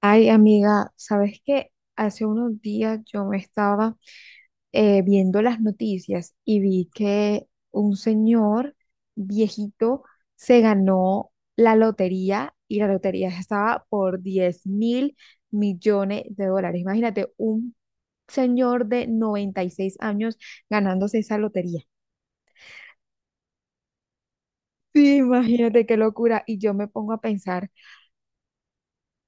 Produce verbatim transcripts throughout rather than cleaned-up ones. Ay, amiga, ¿sabes qué? Hace unos días yo me estaba eh, viendo las noticias y vi que un señor viejito se ganó la lotería y la lotería estaba por diez mil millones de dólares. Imagínate, un señor de noventa y seis años ganándose esa lotería. Sí, imagínate qué locura. Y yo me pongo a pensar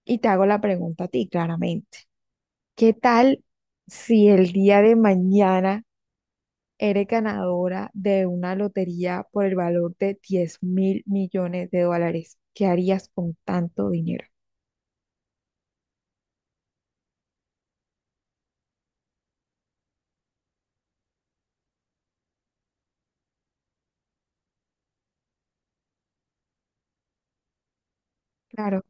y te hago la pregunta a ti, claramente. ¿Qué tal si el día de mañana eres ganadora de una lotería por el valor de diez mil millones de dólares? ¿Qué harías con tanto dinero? Claro.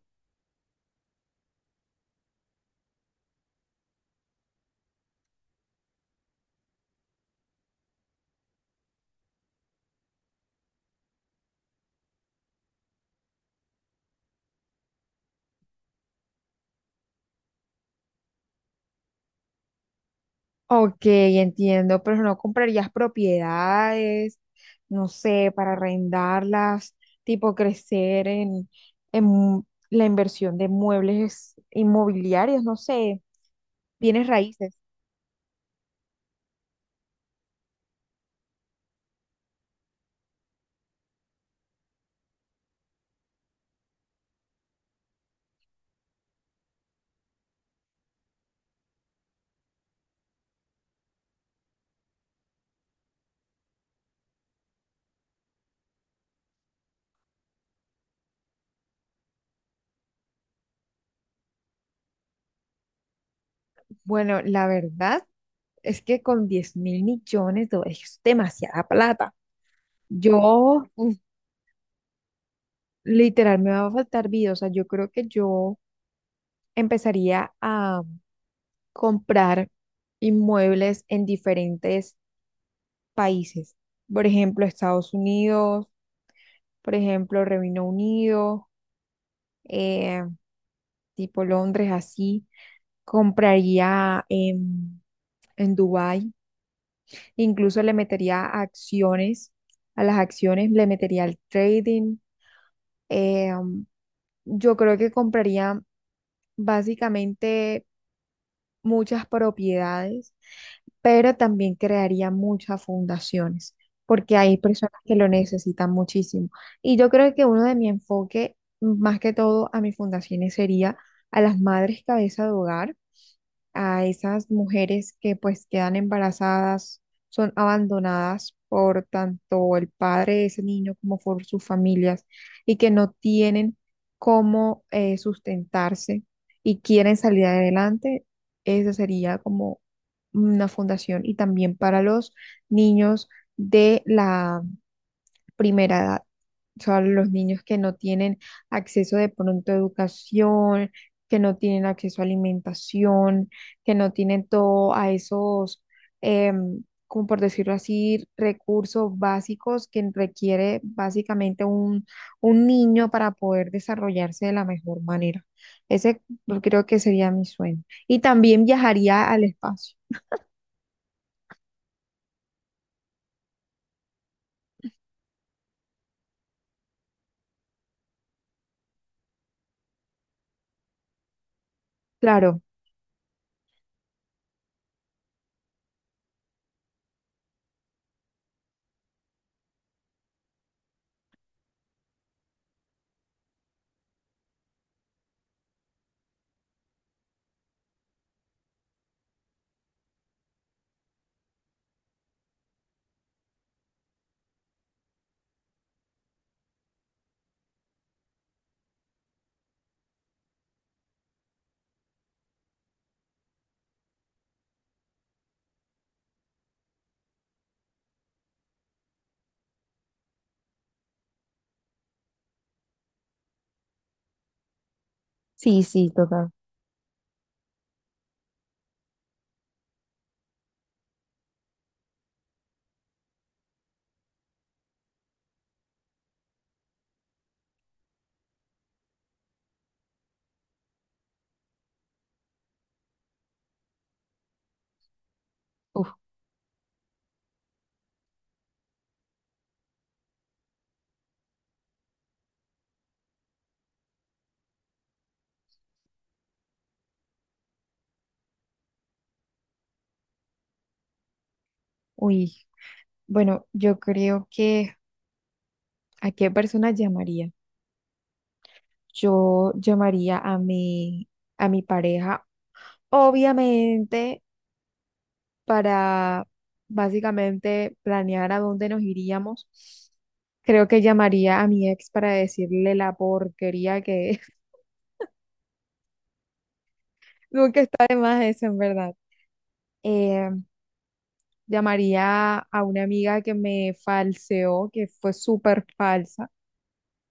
Ok, entiendo, pero no comprarías propiedades, no sé, para arrendarlas, tipo crecer en, en mu- la inversión de muebles inmobiliarios, no sé, bienes raíces. Bueno, la verdad. Es que con diez mil millones de dólares es demasiada plata. Yo, uf, literal, me va a faltar vida. O sea, yo creo que yo empezaría a comprar inmuebles en diferentes países. Por ejemplo, Estados Unidos, por ejemplo, Reino Unido, eh, tipo Londres, así. Compraría en, en Dubái. Incluso le metería acciones. A las acciones le metería el trading. Eh, um, yo creo que compraría básicamente muchas propiedades, pero también crearía muchas fundaciones, porque hay personas que lo necesitan muchísimo. Y yo creo que uno de mi enfoque, más que todo a mis fundaciones, sería a las madres cabeza de hogar, a esas mujeres que pues quedan embarazadas, son abandonadas por tanto el padre de ese niño como por sus familias y que no tienen cómo eh, sustentarse y quieren salir adelante. Eso sería como una fundación, y también para los niños de la primera edad. O sea, los niños que no tienen acceso de pronto a educación, que no tienen acceso a alimentación, que no tienen todo a esos, em, como por decirlo así, recursos básicos que requiere básicamente un, un niño para poder desarrollarse de la mejor manera. Ese, yo creo que sería mi sueño. Y también viajaría al espacio. Claro, sí, sí, total. Uf, uy. Bueno, yo creo que ¿a qué persona llamaría? Yo llamaría a mi, a mi pareja, obviamente, para básicamente planear a dónde nos iríamos. Creo que llamaría a mi ex para decirle la porquería que es. Nunca está de más eso, en verdad. Eh, Llamaría a una amiga que me falseó, que fue súper falsa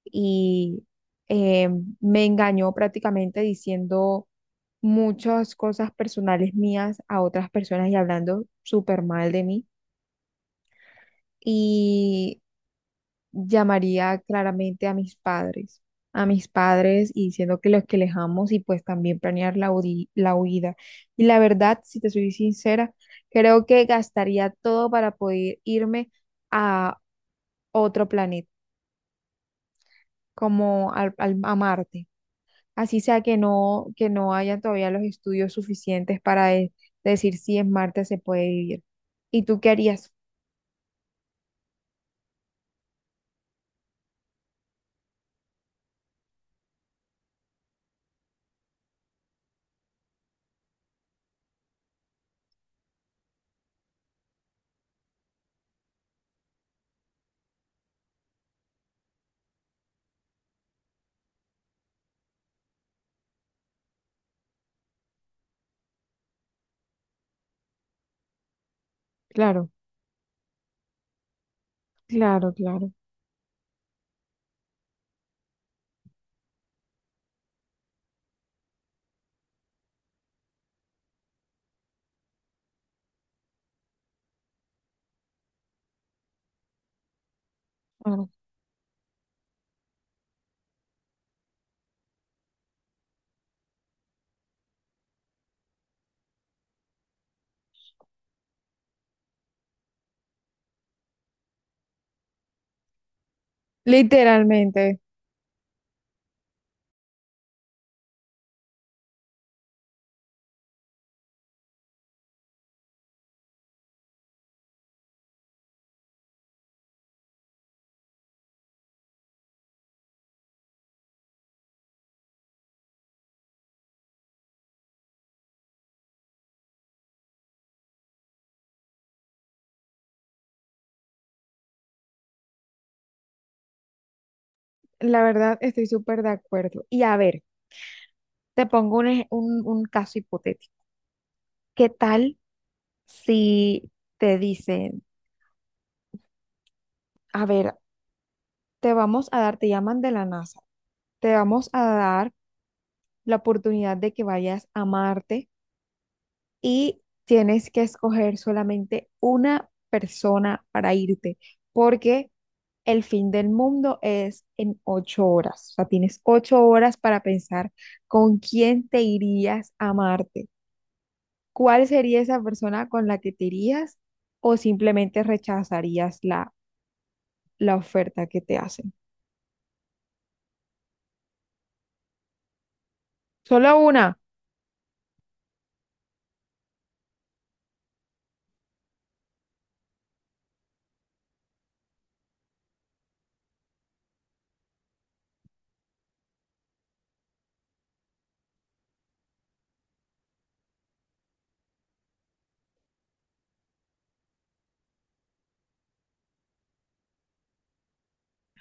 y eh, me engañó prácticamente diciendo muchas cosas personales mías a otras personas y hablando súper mal de mí. Y llamaría claramente a mis padres, a mis padres y diciendo que los que les amo, y pues también planear la, hudi- la huida. Y la verdad, si te soy sincera, creo que gastaría todo para poder irme a otro planeta, como al, al- a Marte. Así sea que no, que no, haya todavía los estudios suficientes para de- decir si en Marte se puede vivir. ¿Y tú qué harías? Claro, claro, claro, claro. Literalmente, la verdad estoy súper de acuerdo. Y a ver, te pongo un, ej- un, un caso hipotético. ¿Qué tal si te dicen, a ver, te vamos a dar, te llaman de la NASA, te vamos a dar la oportunidad de que vayas a Marte? Y tienes que escoger solamente una persona para irte, porque el fin del mundo es en ocho horas. O sea, tienes ocho horas para pensar con quién te irías a Marte, cuál sería esa persona con la que te irías, o simplemente rechazarías la, la oferta que te hacen. Solo una.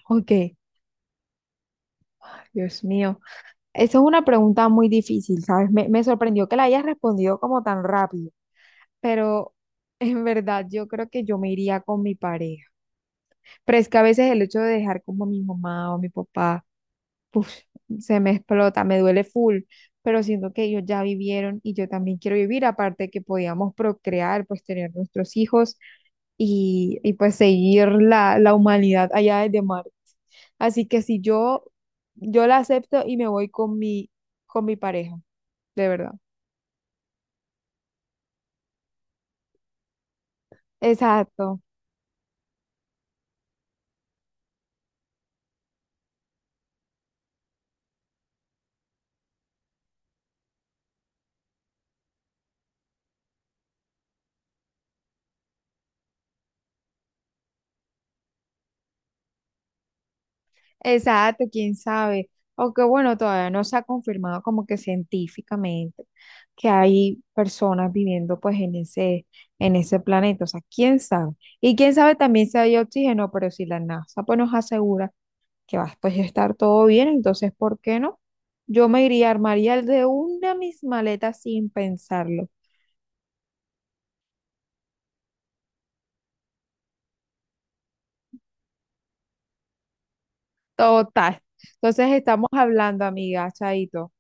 Ok, Dios mío. Esa es una pregunta muy difícil, ¿sabes? Me, me sorprendió que la hayas respondido como tan rápido. Pero en verdad yo creo que yo me iría con mi pareja. Pero es que a veces el hecho de dejar como a mi mamá o a mi papá, uf, se me explota, me duele full, pero siento que ellos ya vivieron y yo también quiero vivir, aparte de que podíamos procrear, pues tener nuestros hijos y, y pues seguir la, la humanidad allá desde Marte. Así que si yo, yo la acepto y me voy con mi, con mi pareja, de verdad. Exacto. Exacto, quién sabe. Aunque bueno, todavía no se ha confirmado como que científicamente que hay personas viviendo pues en ese, en ese planeta. O sea, quién sabe. Y quién sabe también si hay oxígeno, pero si la NASA pues nos asegura que va pues, a pues, estar todo bien, entonces, ¿por qué no? Yo me iría, armaría de una mis maletas sin pensarlo. Total. Entonces estamos hablando, amiga, chaito.